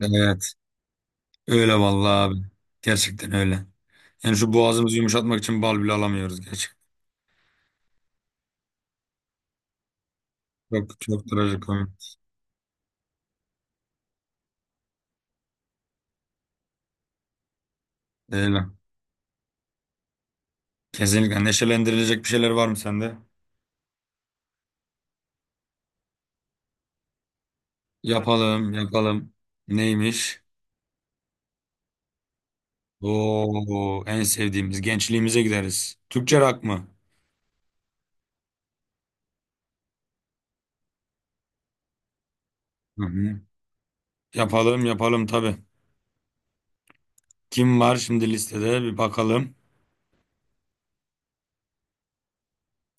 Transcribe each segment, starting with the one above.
Evet. Öyle vallahi abi. Gerçekten öyle. Yani şu boğazımızı yumuşatmak için bal bile alamıyoruz gerçekten. Çok çok trajikomik. Öyle. Kesinlikle neşelendirilecek bir şeyler var mı sende? Yapalım, yapalım. Neymiş? Oo, en sevdiğimiz gençliğimize gideriz. Türkçe rock mı? Hı hı. Yapalım, yapalım tabii. Kim var şimdi listede? Bir bakalım.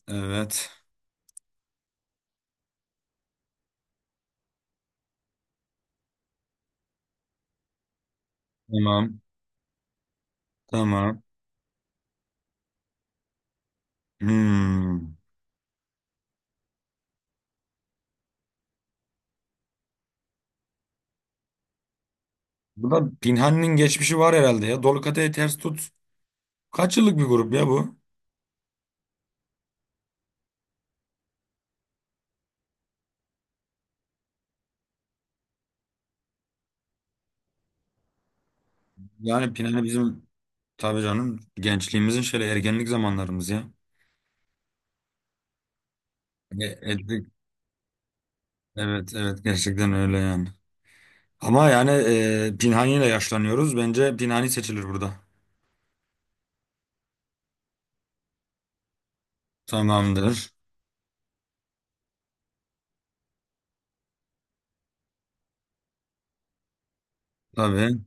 Evet. Tamam. Tamam. Hmm. Bu da Pinhani'nin geçmişi var herhalde ya. Dolu kadehi ters tut. Kaç yıllık bir grup ya bu? Yani Pinhane bizim, tabii canım, gençliğimizin şöyle ergenlik zamanlarımız ya. Ettik. Evet, evet, gerçekten öyle yani. Ama yani Pinhani ile yaşlanıyoruz. Bence Pinhani seçilir burada. Tamamdır. Tabii.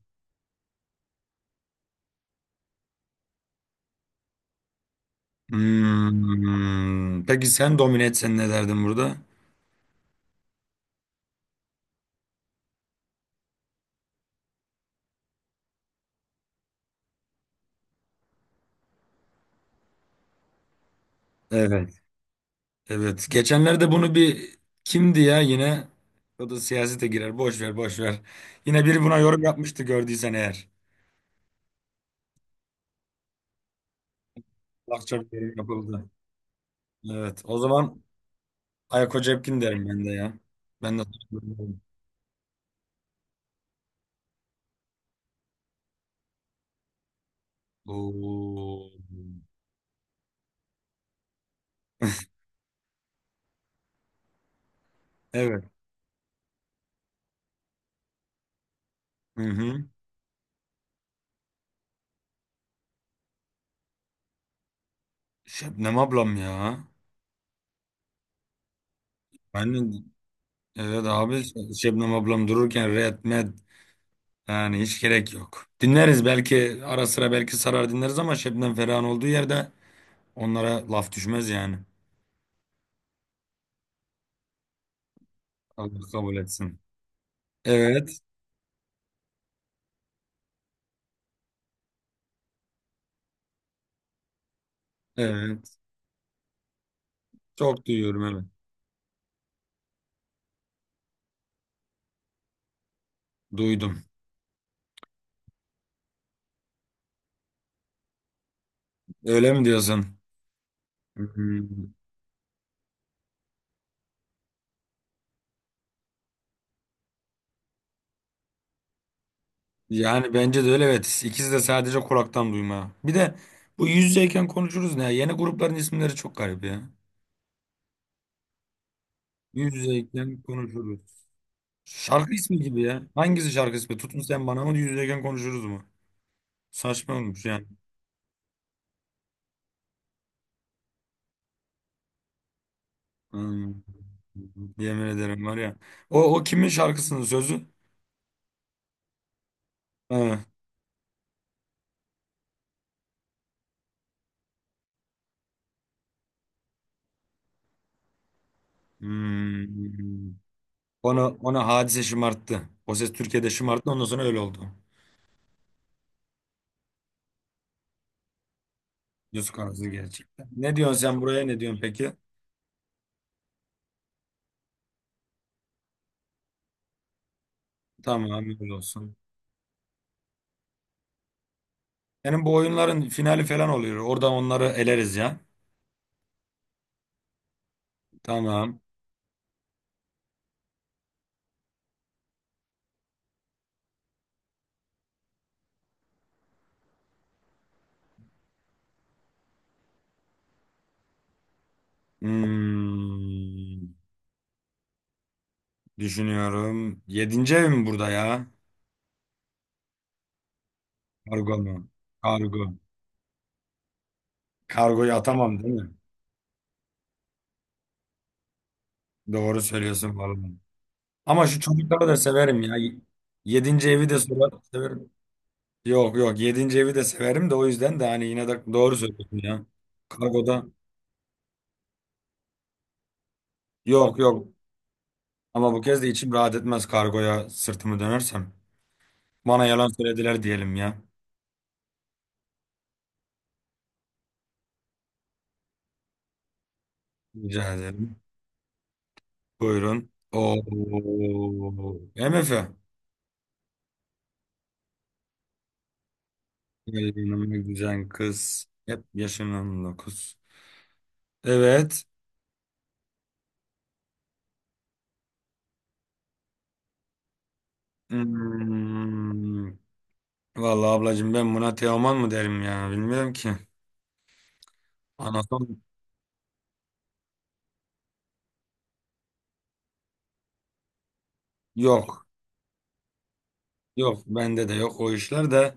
Hmm. Peki sen domine etsen ne derdin burada? Evet. Evet. Geçenlerde bunu bir, kimdi ya yine? O da siyasete girer. Boş ver, boş ver. Yine biri buna yorum yapmıştı, gördüysen eğer. Lafça bir yorum yapıldı. Evet. O zaman Ayako Cepkin derim ben de ya. Ben de. Oo. Evet. Hı hı. Şebnem ablam ya. Ben de, evet abi, Şebnem ablam dururken Red Med yani hiç gerek yok. Dinleriz belki ara sıra, belki sarar dinleriz, ama Şebnem Ferah'ın olduğu yerde onlara laf düşmez yani. Allah kabul etsin. Evet. Evet. Çok duyuyorum, evet. Duydum. Öyle mi diyorsun? Hı hı. Yani bence de öyle, evet. İkisi de sadece kulaktan duyma. Bir de bu yüz yüzeyken konuşuruz ne? Yeni grupların isimleri çok garip ya. Yüz yüzeyken konuşuruz. Şarkı ismi gibi ya. Hangisi şarkı ismi? Tutun sen bana mı, yüz yüzeyken konuşuruz mu? Saçma olmuş yani. Hmm. Yemin ederim var ya. O kimin şarkısının sözü? Ha. Hmm. Ona hadise şımarttı. O ses Türkiye'de şımarttı. Ondan sonra öyle oldu. Yüz karası gerçekten. Ne diyorsun sen buraya, ne diyorsun peki? Tamam, öyle olsun. Yani bu oyunların finali falan oluyor. Oradan onları eleriz ya. Tamam. Hmm, düşünüyorum. Yedinci ev mi burada ya? Kargo mu? Kargo. Kargoyu atamam değil mi? Doğru söylüyorsun vallahi. Ama şu çocukları da severim ya. Yedinci evi de sorar, severim. Yok, yok, yedinci evi de severim de o yüzden de hani yine de doğru söylüyorsun ya. Kargoda yok, yok. Ama bu kez de içim rahat etmez kargoya sırtımı dönersem. Bana yalan söylediler diyelim ya. Rica ederim. Buyurun. Oo. MF. Yanıma güzel kız. Hep yaşın 19. Evet. Hmm. Vallahi ablacığım, ben buna Teoman mı derim ya, bilmiyorum ki. Anason yok. Yok, bende de yok o işler de.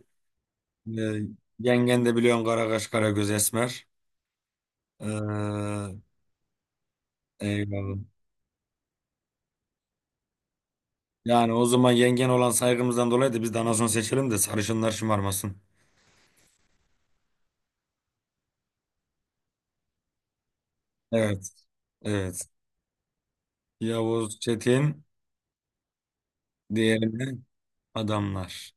Ee, yengen de biliyorsun, kara kaş kara göz esmer. Ee, eyvallah. Yani o zaman yengen olan saygımızdan dolayı da biz de anason seçelim de sarışınlar şımarmasın. Evet. Evet. Yavuz Çetin, diğerini adamlar.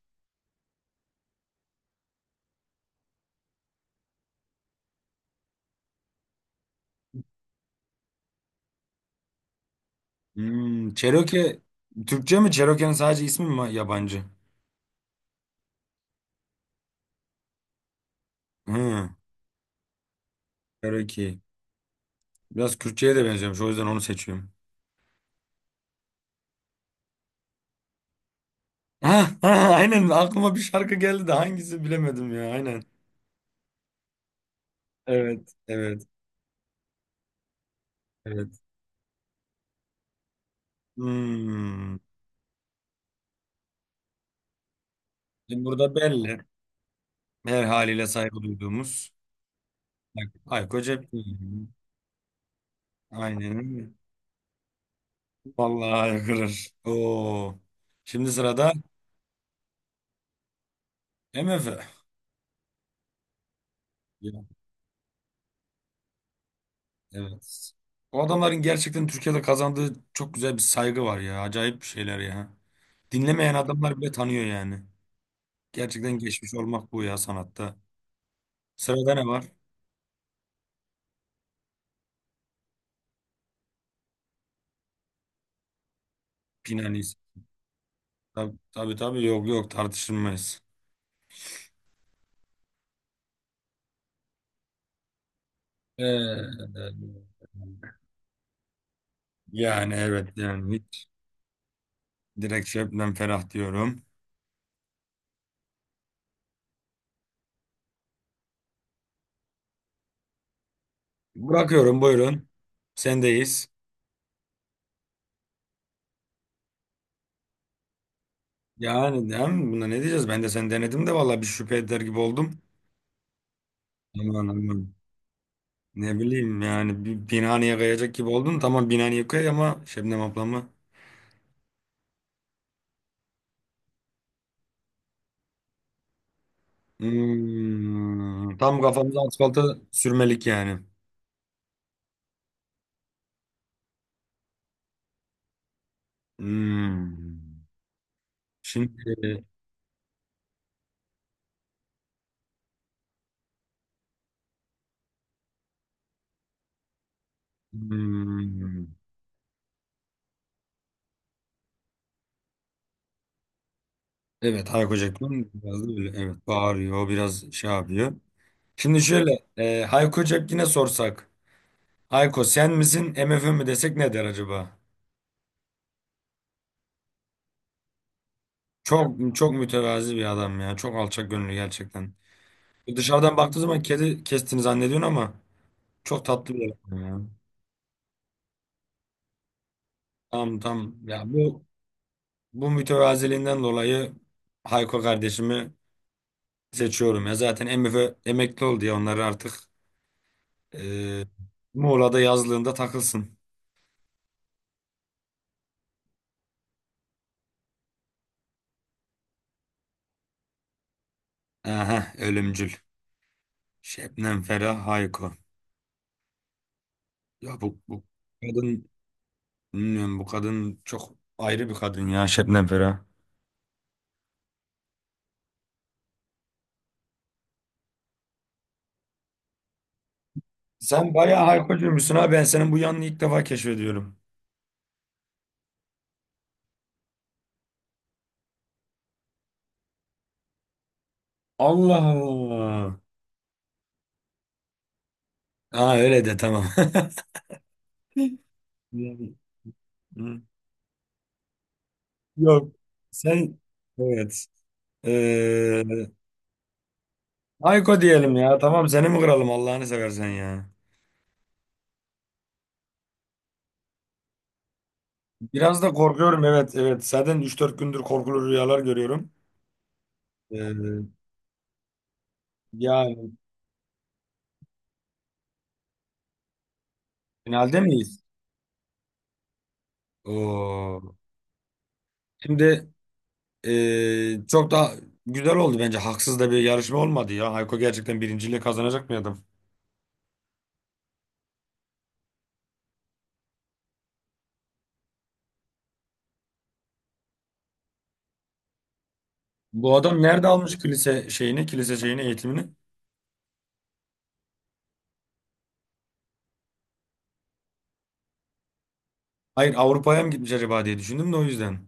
Cherokee Türkçe mi? Cherokee'nin sadece ismi mi yabancı? Hı, Cherokee. Biraz Kürtçe'ye de benziyormuş. O yüzden onu seçiyorum. Ha, ha, aynen aklıma bir şarkı geldi de hangisi bilemedim ya. Aynen. Evet, evet, evet. Hmm. Şimdi burada belli. Her haliyle saygı duyduğumuz. Bak, Ayko Cepkin. Aynen öyle. Vallahi kırır. Oo. Şimdi sırada MF. Evet. O adamların gerçekten Türkiye'de kazandığı çok güzel bir saygı var ya. Acayip bir şeyler ya. Dinlemeyen adamlar bile tanıyor yani. Gerçekten geçmiş olmak bu ya sanatta. Sırada ne var? Pinanis. Tabii, tabii, tabii. Yok, yok, tartışılmaz. Ee, yani evet, yani hiç, direkt Şebnem Ferah diyorum. Bırakıyorum, buyurun. Sendeyiz. Yani değil mi? Buna ne diyeceğiz? Ben de sen denedim de vallahi bir şüphe eder gibi oldum. Aman, aman. Ne bileyim yani, bir Binani'ye kayacak gibi oldun. Tamam, Binani'ye kay ama Şebnem ablamı. Tam kafamızı asfalta sürmelik yani. Hmm. Şimdi hmm, evet, Hayko Cepkin biraz da öyle, evet bağırıyor, biraz şey yapıyor. Şimdi şöyle Hayko Cepkin'e sorsak, Hayko sen misin MFÖ mi desek ne der acaba? Çok çok mütevazi bir adam ya, çok alçak gönüllü gerçekten. Dışarıdan baktığı zaman kedi kestiğini zannediyorsun ama çok tatlı bir eleman ya. Tamam, tamam. Ya bu mütevaziliğinden dolayı Hayko kardeşimi seçiyorum ya. Zaten MF emekli oldu ya, onları artık e, Muğla'da yazlığında takılsın. Aha ölümcül. Şebnem Ferah Hayko. Ya bu kadın, bilmiyorum, bu kadın çok ayrı bir kadın ya, Şebnem Ferah. Sen bayağı Haykocuymuşsun ha, ben senin bu yanını ilk defa keşfediyorum. Allah Allah. Ha, öyle de tamam. Hı. Yok. Sen, evet. Ee, Hayko diyelim ya. Tamam, seni mi kıralım Allah'ını seversen ya. Biraz da korkuyorum, evet, evet. Zaten üç dört gündür korkulu rüyalar görüyorum. Ee, yani finalde miyiz? Oo. Şimdi çok da güzel oldu bence. Haksız da bir yarışma olmadı ya. Ayko gerçekten birinciliği kazanacak mı adam? Bu adam nerede almış kilise şeyini, kilise şeyini, eğitimini? Hayır, Avrupa'ya mı gitmiş acaba diye düşündüm de o yüzden.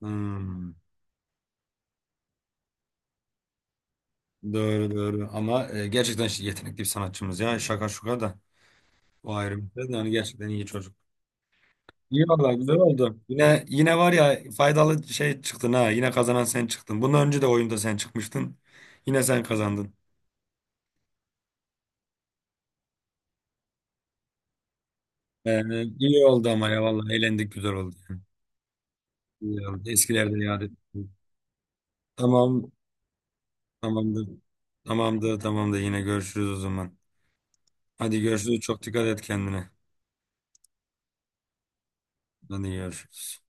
Hmm. Doğru, doğru, ama gerçekten yetenekli bir sanatçımız ya, şaka şuka da o ayrı bir şey de yani gerçekten iyi çocuk. İyi valla, güzel oldu. Yine, yine var ya, faydalı şey çıktın ha, yine kazanan sen çıktın. Bundan önce de oyunda sen çıkmıştın, yine sen kazandın. İyi oldu ama, ya vallahi eğlendik, güzel oldu yani. İyi oldu. Eskilerde yad ettik. Tamam, tamamdır, tamamdır, tamamdır, yine görüşürüz o zaman. Hadi görüşürüz, çok dikkat et kendine. Hadi görüşürüz.